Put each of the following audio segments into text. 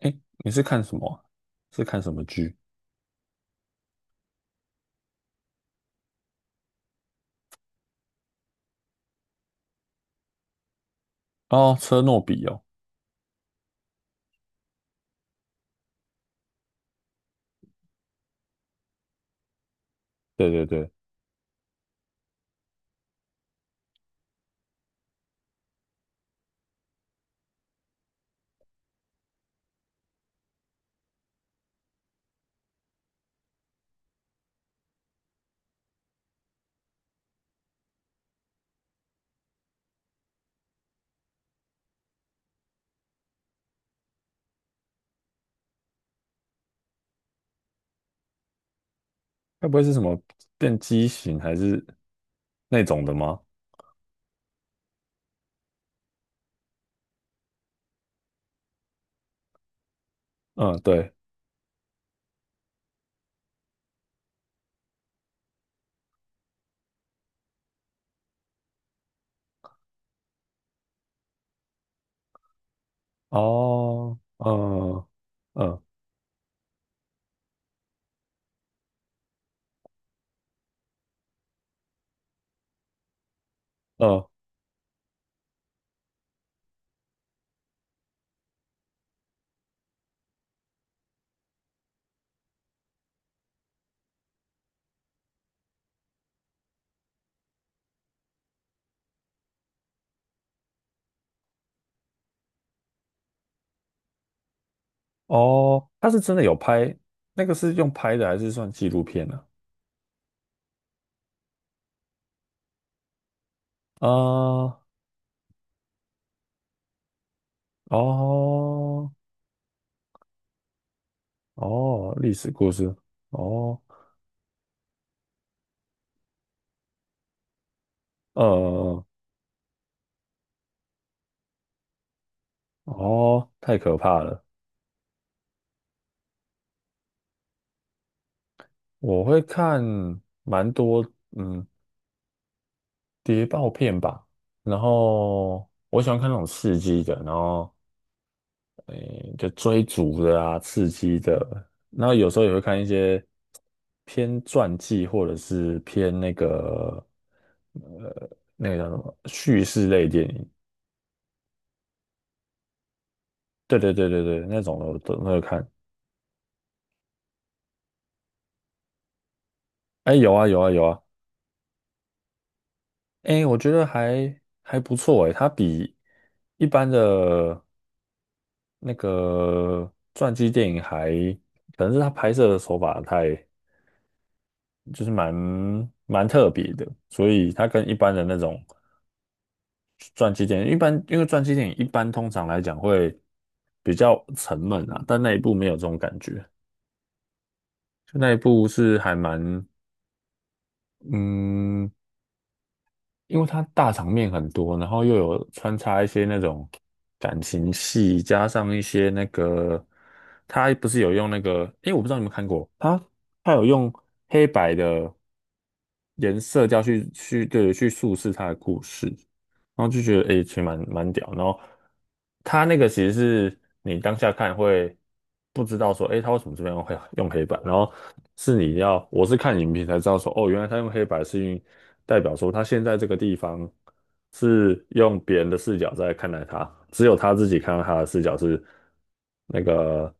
哎，你是看什么啊是看什么剧？哦，车诺比哦，对对对，该不会是什么变畸形还是那种的吗？嗯，对，哦，嗯嗯嗯，哦，他是真的有拍，那个是用拍的还是算纪录片呢？啊，哦哦，历史故事，哦，呃，哦，太可怕了。我会看蛮多，嗯，谍报片吧，然后我喜欢看那种刺激的，然后诶、就追逐的啊，刺激的，然后有时候也会看一些偏传记或者是偏那个呃那个叫什么叙事类电影，对对对对对，那种的我都会看。哎、有啊有啊有啊，哎、我觉得还不错哎、它比一般的那个传记电影还。可能是它拍摄的手法太就是蛮特别的，所以它跟一般的那种传记电影，一般因为传记电影一般通常来讲会比较沉闷啊，但那一部没有这种感觉，就那一部是还蛮嗯，因为它大场面很多，然后又有穿插一些那种感情戏，加上一些那个它不是有用那个，诶，我不知道你们看过，它有用黑白的颜色调去叙事它的故事。然后就觉得诶，其实蛮屌。然后他那个其实是你当下看会不知道说，诶，他为什么这边会用黑白？然后是你要，我是看影评才知道说，哦，原来他用黑白是因为代表说他现在这个地方是用别人的视角在看待他，只有他自己看到他的视角是那个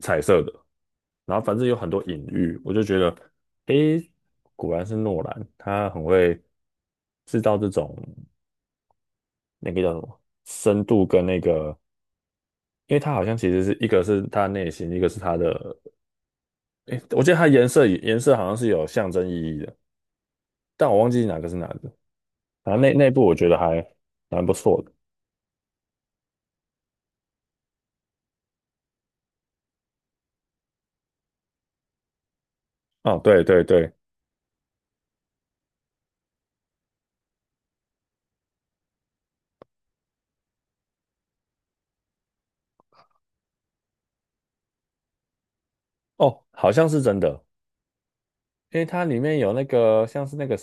彩色的。然后反正有很多隐喻，我就觉得，诶，果然是诺兰，他很会制造这种。那个叫什么深度跟那个，因为它好像其实是一个是它内心，一个是它的，诶，我记得它颜色好像是有象征意义的，但我忘记哪个是哪个。反正那部我觉得还蛮不错的。哦，对对对，哦，好像是真的，因为它里面有那个像是那个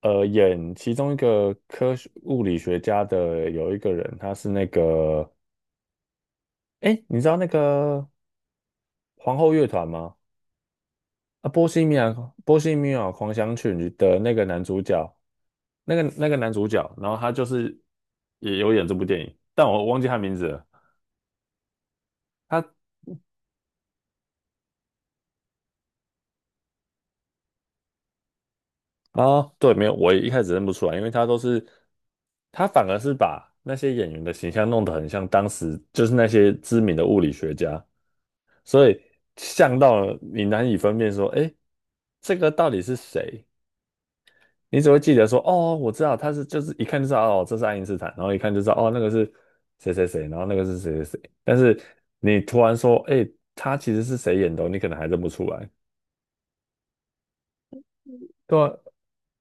演其中一个科学物理学家的有一个人，他是那个，哎，你知道那个皇后乐团吗？啊，波西米亚狂想曲的那个男主角。那个男主角，然后他就是也有演这部电影，但我忘记他名字了。他啊，对，没有，我一开始认不出来，因为他反而是把那些演员的形象弄得很像当时就是那些知名的物理学家，所以像到了你难以分辨说，哎，这个到底是谁？你只会记得说，哦，我知道他是，就是一看就知道，哦，这是爱因斯坦，然后一看就知道，哦，那个是谁谁谁，然后那个是谁谁谁。但是你突然说，哎，他其实是谁演的哦你可能还认不出来。对啊，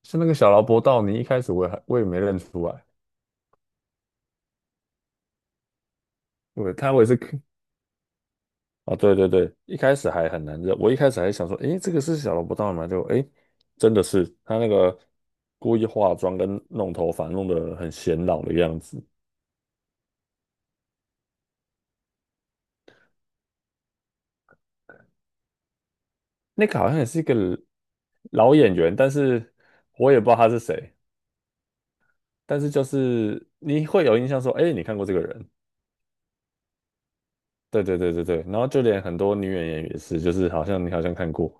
是那个小劳勃道你一开始我也没认出来，对，他我也是看，哦，对对对，一开始还很难认，我一开始还想说，哎，这个是小劳勃道尼吗？就哎，诶真的是他那个故意化妆跟弄头发弄得很显老的样子。那个好像也是一个老演员，但是我也不知道他是谁。但是就是你会有印象说，哎，你看过这个人？对对对对对。然后就连很多女演员也是，就是好像你好像看过，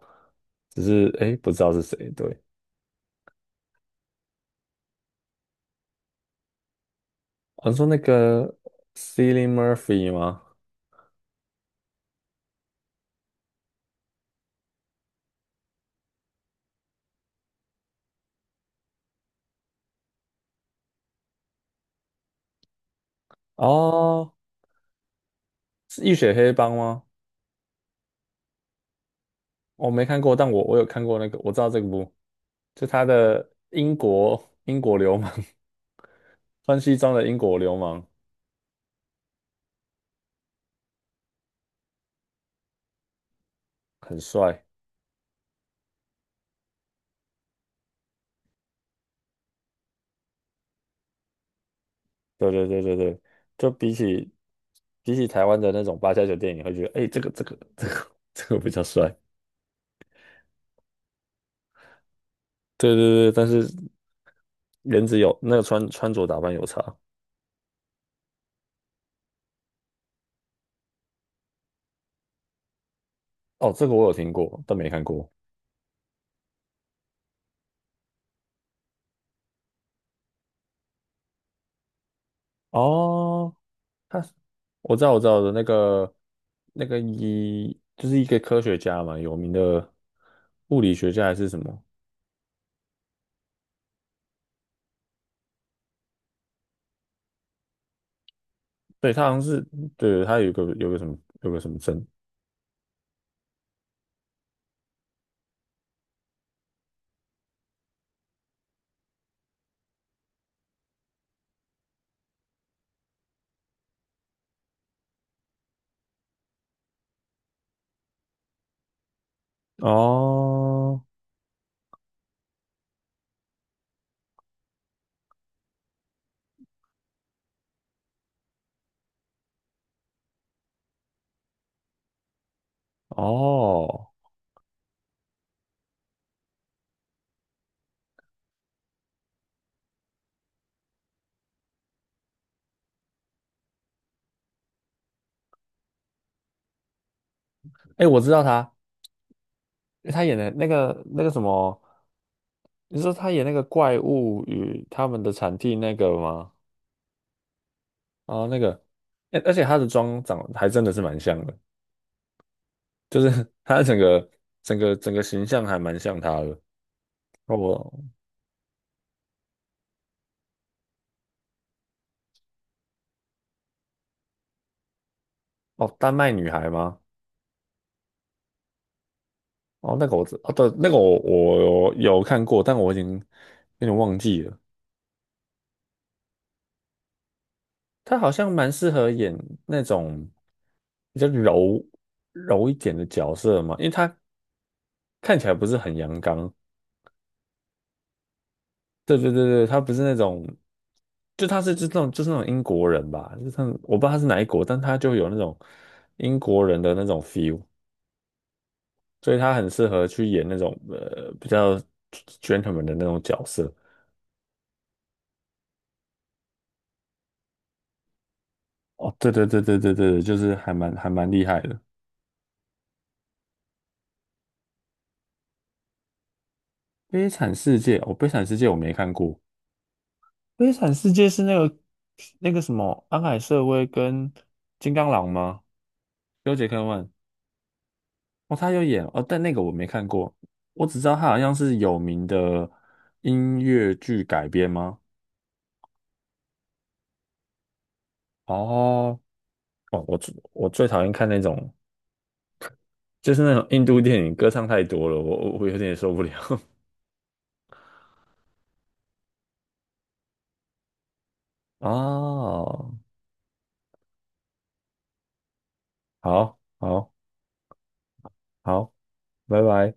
只是哎不知道是谁。对，好像说那个 Cillian Murphy 吗？哦，是《浴血黑帮》吗？我没看过，但我有看过那个，我知道这个部，就他的英国流氓，穿西装的英国流氓很帅。对对对对对，就比起台湾的那种八家酒店，你会觉得哎、这个比较帅。对对对，但是颜值有那个穿着打扮有差。哦，这个我有听过，但没看过。哦，他我知道的那个就是一个科学家嘛，有名的物理学家还是什么？对，他好像是对他有个什么证。哦哦，哎，我知道他，因为他演的那个什么，你说他演那个怪物与他们的产地那个吗？哦，那个，哎，而且他的妆长得还真的是蛮像的，就是 他整个形象还蛮像他的。哦，哦，丹麦女孩吗？哦，那个我知，哦对，那个我有看过，但我已经有点忘记了。他好像蛮适合演那种比较柔一点的角色嘛，因为他看起来不是很阳刚，对对对对，他不是那种，就他是就是那种英国人吧，就是我不知道他是哪一国，但他就有那种英国人的那种 feel，所以他很适合去演那种比较 gentleman 的那种角色。哦，对对对对对对，就是还蛮厉害的。《悲惨世界》哦，《悲惨世界》我没看过，《悲惨世界》是那个什么安海瑟薇跟金刚狼吗？修杰克曼。哦，他有演哦，但那个我没看过，我只知道他好像是有名的音乐剧改编吗？哦，哦，我最讨厌看那种，就是那种印度电影，歌唱太多了，我有点受不了。哦，好，好，好，拜拜。